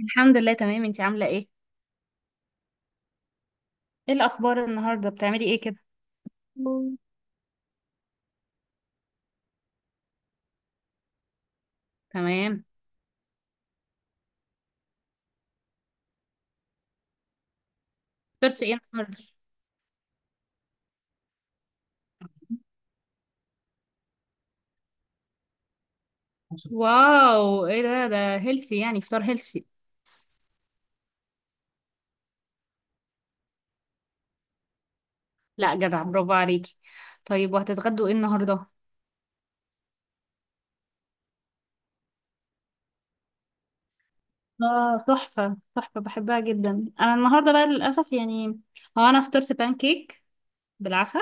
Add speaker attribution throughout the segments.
Speaker 1: الحمد لله تمام. انتي عاملة ايه؟ ايه الأخبار النهاردة؟ بتعملي ايه كده؟ تمام. فطرتي ايه النهاردة؟ واو، ايه ده؟ ده هيلثي، يعني فطار هيلثي. لا جدع، برافو عليكي. طيب وهتتغدوا ايه النهاردة؟ اه تحفة تحفة، بحبها جدا. انا النهاردة بقى للأسف يعني، هو انا فطرت بانكيك بالعسل.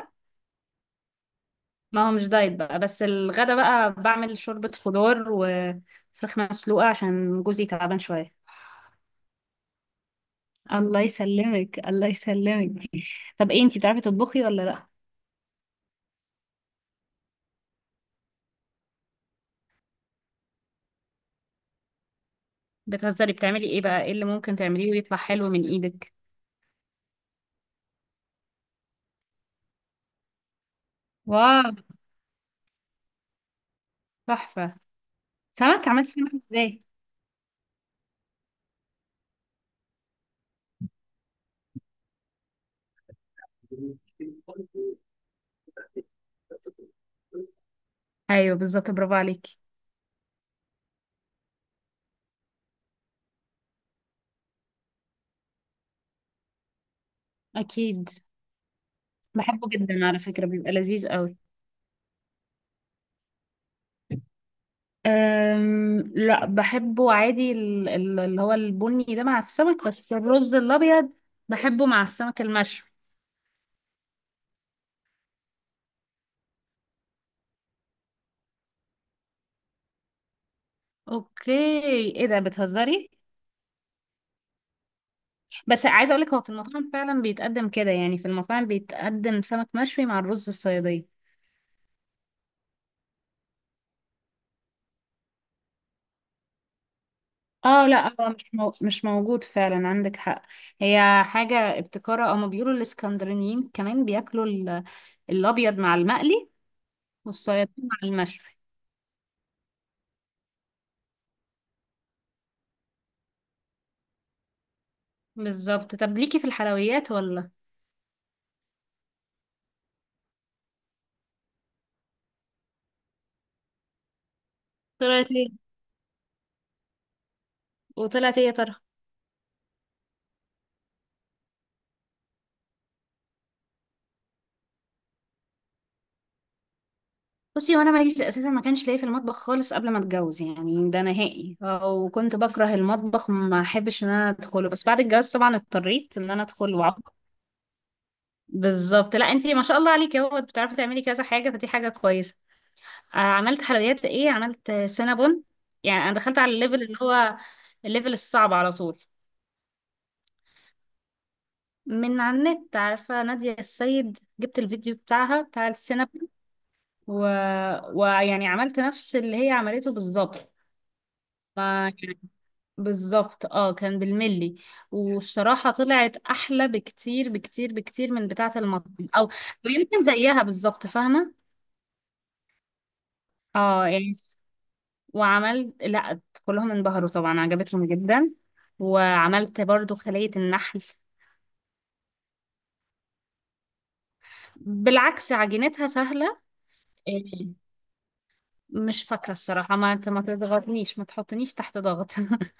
Speaker 1: ما هو مش دايت بقى، بس الغدا بقى بعمل شوربة خضار وفراخ مسلوقة عشان جوزي تعبان شوية. الله يسلمك، الله يسلمك. طب ايه، انتي بتعرفي تطبخي ولا لا؟ بتهزري، بتعملي ايه بقى؟ ايه اللي ممكن تعمليه ويطلع حلو من ايدك؟ واو، تحفة. سمك؟ عملتي سمك ازاي؟ ايوه بالظبط، برافو عليكي. اكيد. بحبه جدا على فكرة، بيبقى لذيذ قوي. أم، لا بحبه عادي اللي هو البني ده مع السمك، بس الرز الابيض بحبه مع السمك المشوي. اوكي. ايه ده، بتهزري؟ بس عايزه اقول لك، هو في المطاعم فعلا بيتقدم كده. يعني في المطاعم بيتقدم سمك مشوي مع الرز الصياديه. اه لا، هو مش موجود فعلا، عندك حق. هي حاجه ابتكاره. اما بيقولوا الاسكندرانيين كمان بياكلوا ال... الابيض مع المقلي، والصياديه مع المشوي. بالظبط. طب ليكي في الحلويات ولا؟ طلعت ايه؟ وطلعت ايه يا ترى؟ بصي، وانا ماليش اساسا. ما كانش ليا في المطبخ خالص قبل ما اتجوز يعني، ده نهائي. وكنت بكره المطبخ، ما احبش ان انا ادخله. بس بعد الجواز طبعا اضطريت ان انا ادخل وأعرف. بالظبط. لا انتي ما شاء الله عليكي، اهو بتعرفي تعملي كذا حاجه، فدي حاجه كويسه. آه، عملت حلويات ايه؟ عملت سينابون. يعني انا دخلت على الليفل اللي هو الليفل الصعب على طول. من على النت، عارفه ناديه السيد، جبت الفيديو بتاعها بتاع السينابون. و... ويعني عملت نفس اللي هي عملته بالظبط. بالظبط، اه كان بالملي. والصراحة طلعت أحلى بكتير بكتير بكتير من بتاعة المطعم، أو يمكن زيها بالظبط، فاهمة. اه يعني وعملت، لا كلهم انبهروا طبعا، عجبتهم جدا. وعملت برضو خلية النحل. بالعكس، عجينتها سهلة. إيه، مش فاكرة الصراحة. ما تضغطنيش، ما تحطنيش تحت ضغط.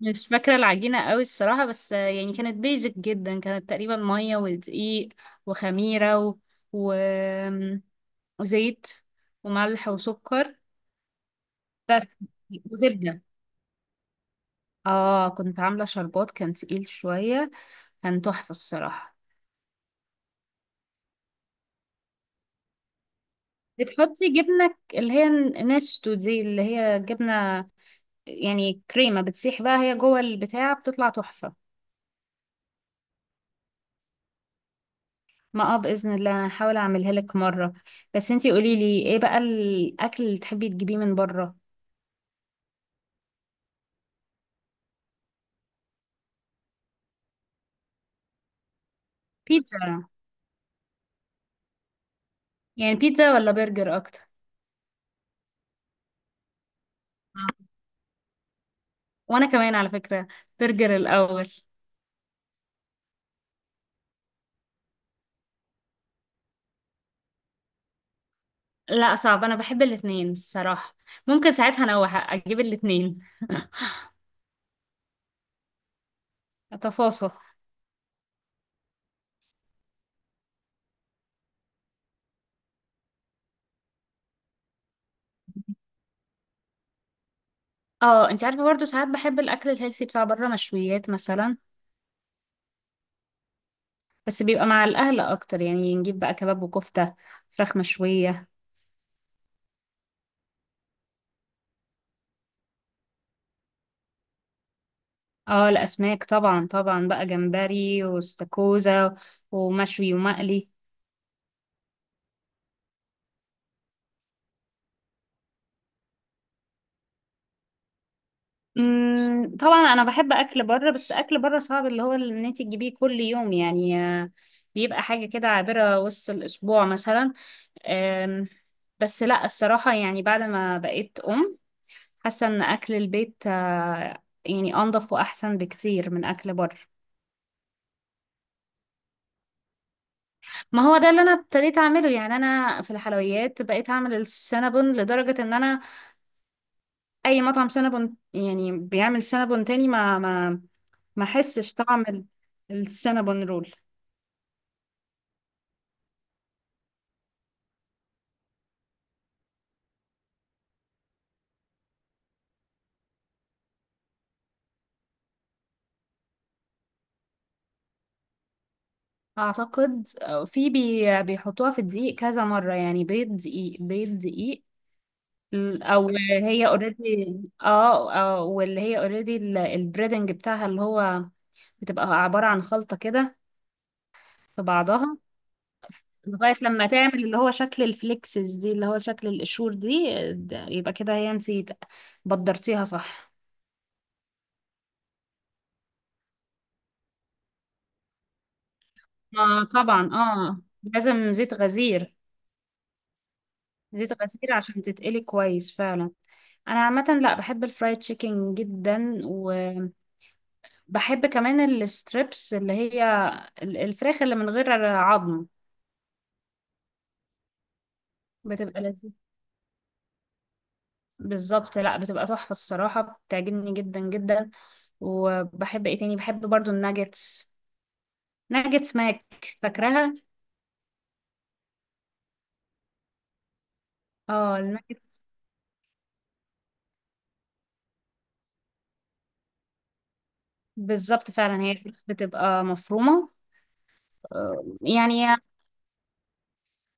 Speaker 1: مش فاكرة العجينة قوي الصراحة، بس يعني كانت بيزك جدا. كانت تقريبا مية ودقيق وخميرة و... و... وزيت وملح وسكر بس، وزبدة. اه كنت عاملة شربات، كان تقيل شوية. كان تحفة الصراحة. بتحطي جبنة اللي هي نستو، دي اللي هي جبنة يعني كريمة بتسيح بقى، هي جوه البتاع بتطلع تحفة. ما اه، بإذن الله انا هحاول اعملها لك مرة. بس انتي قولي لي، ايه بقى الاكل اللي تحبي تجيبيه من بره؟ بيتزا؟ يعني بيتزا ولا برجر اكتر؟ آه. وانا كمان على فكرة برجر الاول. لا صعب، انا بحب الاتنين الصراحة. ممكن ساعتها انوح اجيب الاتنين. اتفاصل. اه انتي عارفة برضه، ساعات بحب الاكل الهيلثي بتاع بره، مشويات مثلا. بس بيبقى مع الاهل اكتر. يعني نجيب بقى كباب وكفتة، فراخ مشوية. اه الاسماك طبعا، طبعا بقى جمبري واستاكوزا، ومشوي ومقلي. طبعا انا بحب اكل بره، بس اكل بره صعب اللي هو اللي ان انت تجيبيه كل يوم يعني. بيبقى حاجه كده عابره وسط الاسبوع مثلا. آم، بس لا الصراحه، يعني بعد ما بقيت ام، حاسه ان اكل البيت يعني انضف واحسن بكتير من اكل بره. ما هو ده اللي انا ابتديت اعمله. يعني انا في الحلويات بقيت اعمل السينابون، لدرجة ان انا اي مطعم سينابون يعني بيعمل سينابون تاني، ما ما حسش طعم السينابون رول. اعتقد في بي بيحطوها في الدقيق كذا مرة، يعني بيض دقيق، بيض دقيق او هي اوريدي. اه واللي هي اوريدي البريدنج بتاعها، اللي هو بتبقى عبارة عن خلطة كده في بعضها. لغاية لما تعمل اللي هو شكل الفليكسز دي، اللي هو شكل القشور دي. يبقى كده هي انتي بدرتيها، صح؟ ما طبعا اه، لازم زيت غزير. زيت غزير عشان تتقلي كويس فعلا. انا عامه لا بحب الفرايد تشيكن جدا، وبحب كمان الستريبس اللي هي الفراخ اللي من غير عظم. بتبقى لذيذة. بالظبط، لا بتبقى تحفه الصراحه، بتعجبني جدا جدا. وبحب ايه تاني؟ بحب برضو الناجتس، ناجتس ماك، فاكراها؟ اه الناجتس، بالظبط. فعلا هي الفراخ بتبقى مفرومه، يعني.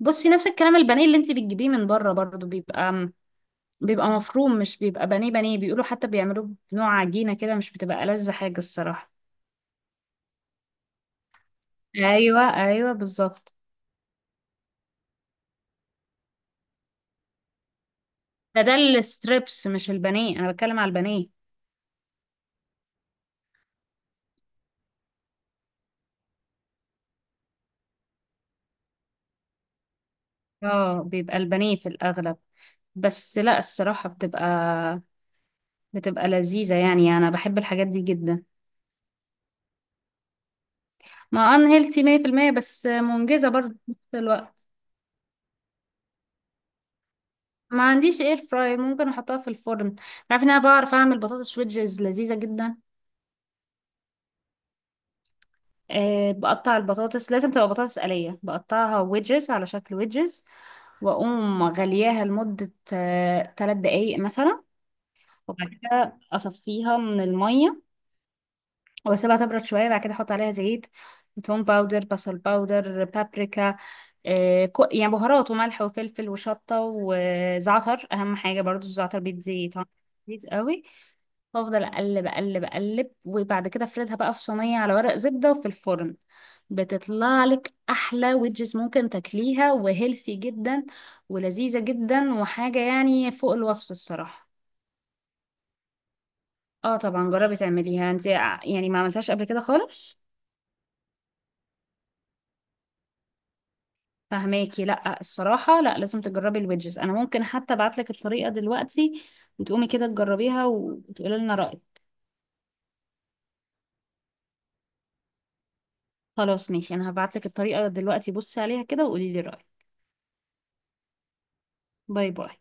Speaker 1: بصي نفس الكلام البانيه اللي انت بتجيبيه من بره برضو، بيبقى مفروم، مش بيبقى بانيه بانيه. بيقولوا حتى بيعملوه بنوع عجينة كده، مش بتبقى ألذ حاجة الصراحة. ايوه ايوه بالظبط، ده الستريبس مش البانيه، انا بتكلم على البانيه. اه بيبقى البانيه في الأغلب. بس لا الصراحة بتبقى لذيذة. يعني أنا بحب الحاجات دي جدا. ما أن هيلثي 100%، بس منجزة برضه في نفس الوقت. ما عنديش اير فراي، ممكن أحطها في الفرن. عارفة إن أنا بعرف أعمل بطاطس ويدجز لذيذة جدا. أه، بقطع البطاطس، لازم تبقى بطاطس قلية. بقطعها ويدجز على شكل ويدجز، واقوم غلياها لمدة 3 دقايق مثلا. وبعد كده اصفيها من المية، واسيبها تبرد شوية. بعد كده احط عليها زيت، توم باودر، بصل باودر، بابريكا، يعني بهارات وملح وفلفل وشطة وزعتر. اهم حاجة برضو الزعتر، بيدي طعم لذيذ قوي. بفضل اقلب اقلب اقلب، وبعد كده افردها بقى في صينيه على ورق زبده وفي الفرن. بتطلع لك احلى ويدجز ممكن تاكليها، وهيلثي جدا ولذيذه جدا، وحاجه يعني فوق الوصف الصراحه. اه طبعا جربي تعمليها انت، يعني ما عملتهاش قبل كده خالص فهماكي. لا الصراحه لا، لازم تجربي الويدجز. انا ممكن حتى ابعت لك الطريقه دلوقتي، وتقومي كده تجربيها وتقولي لنا رايك. خلاص ماشي، انا هبعت لك الطريقه دلوقتي، بصي عليها كده وقولي لي رايك. باي باي.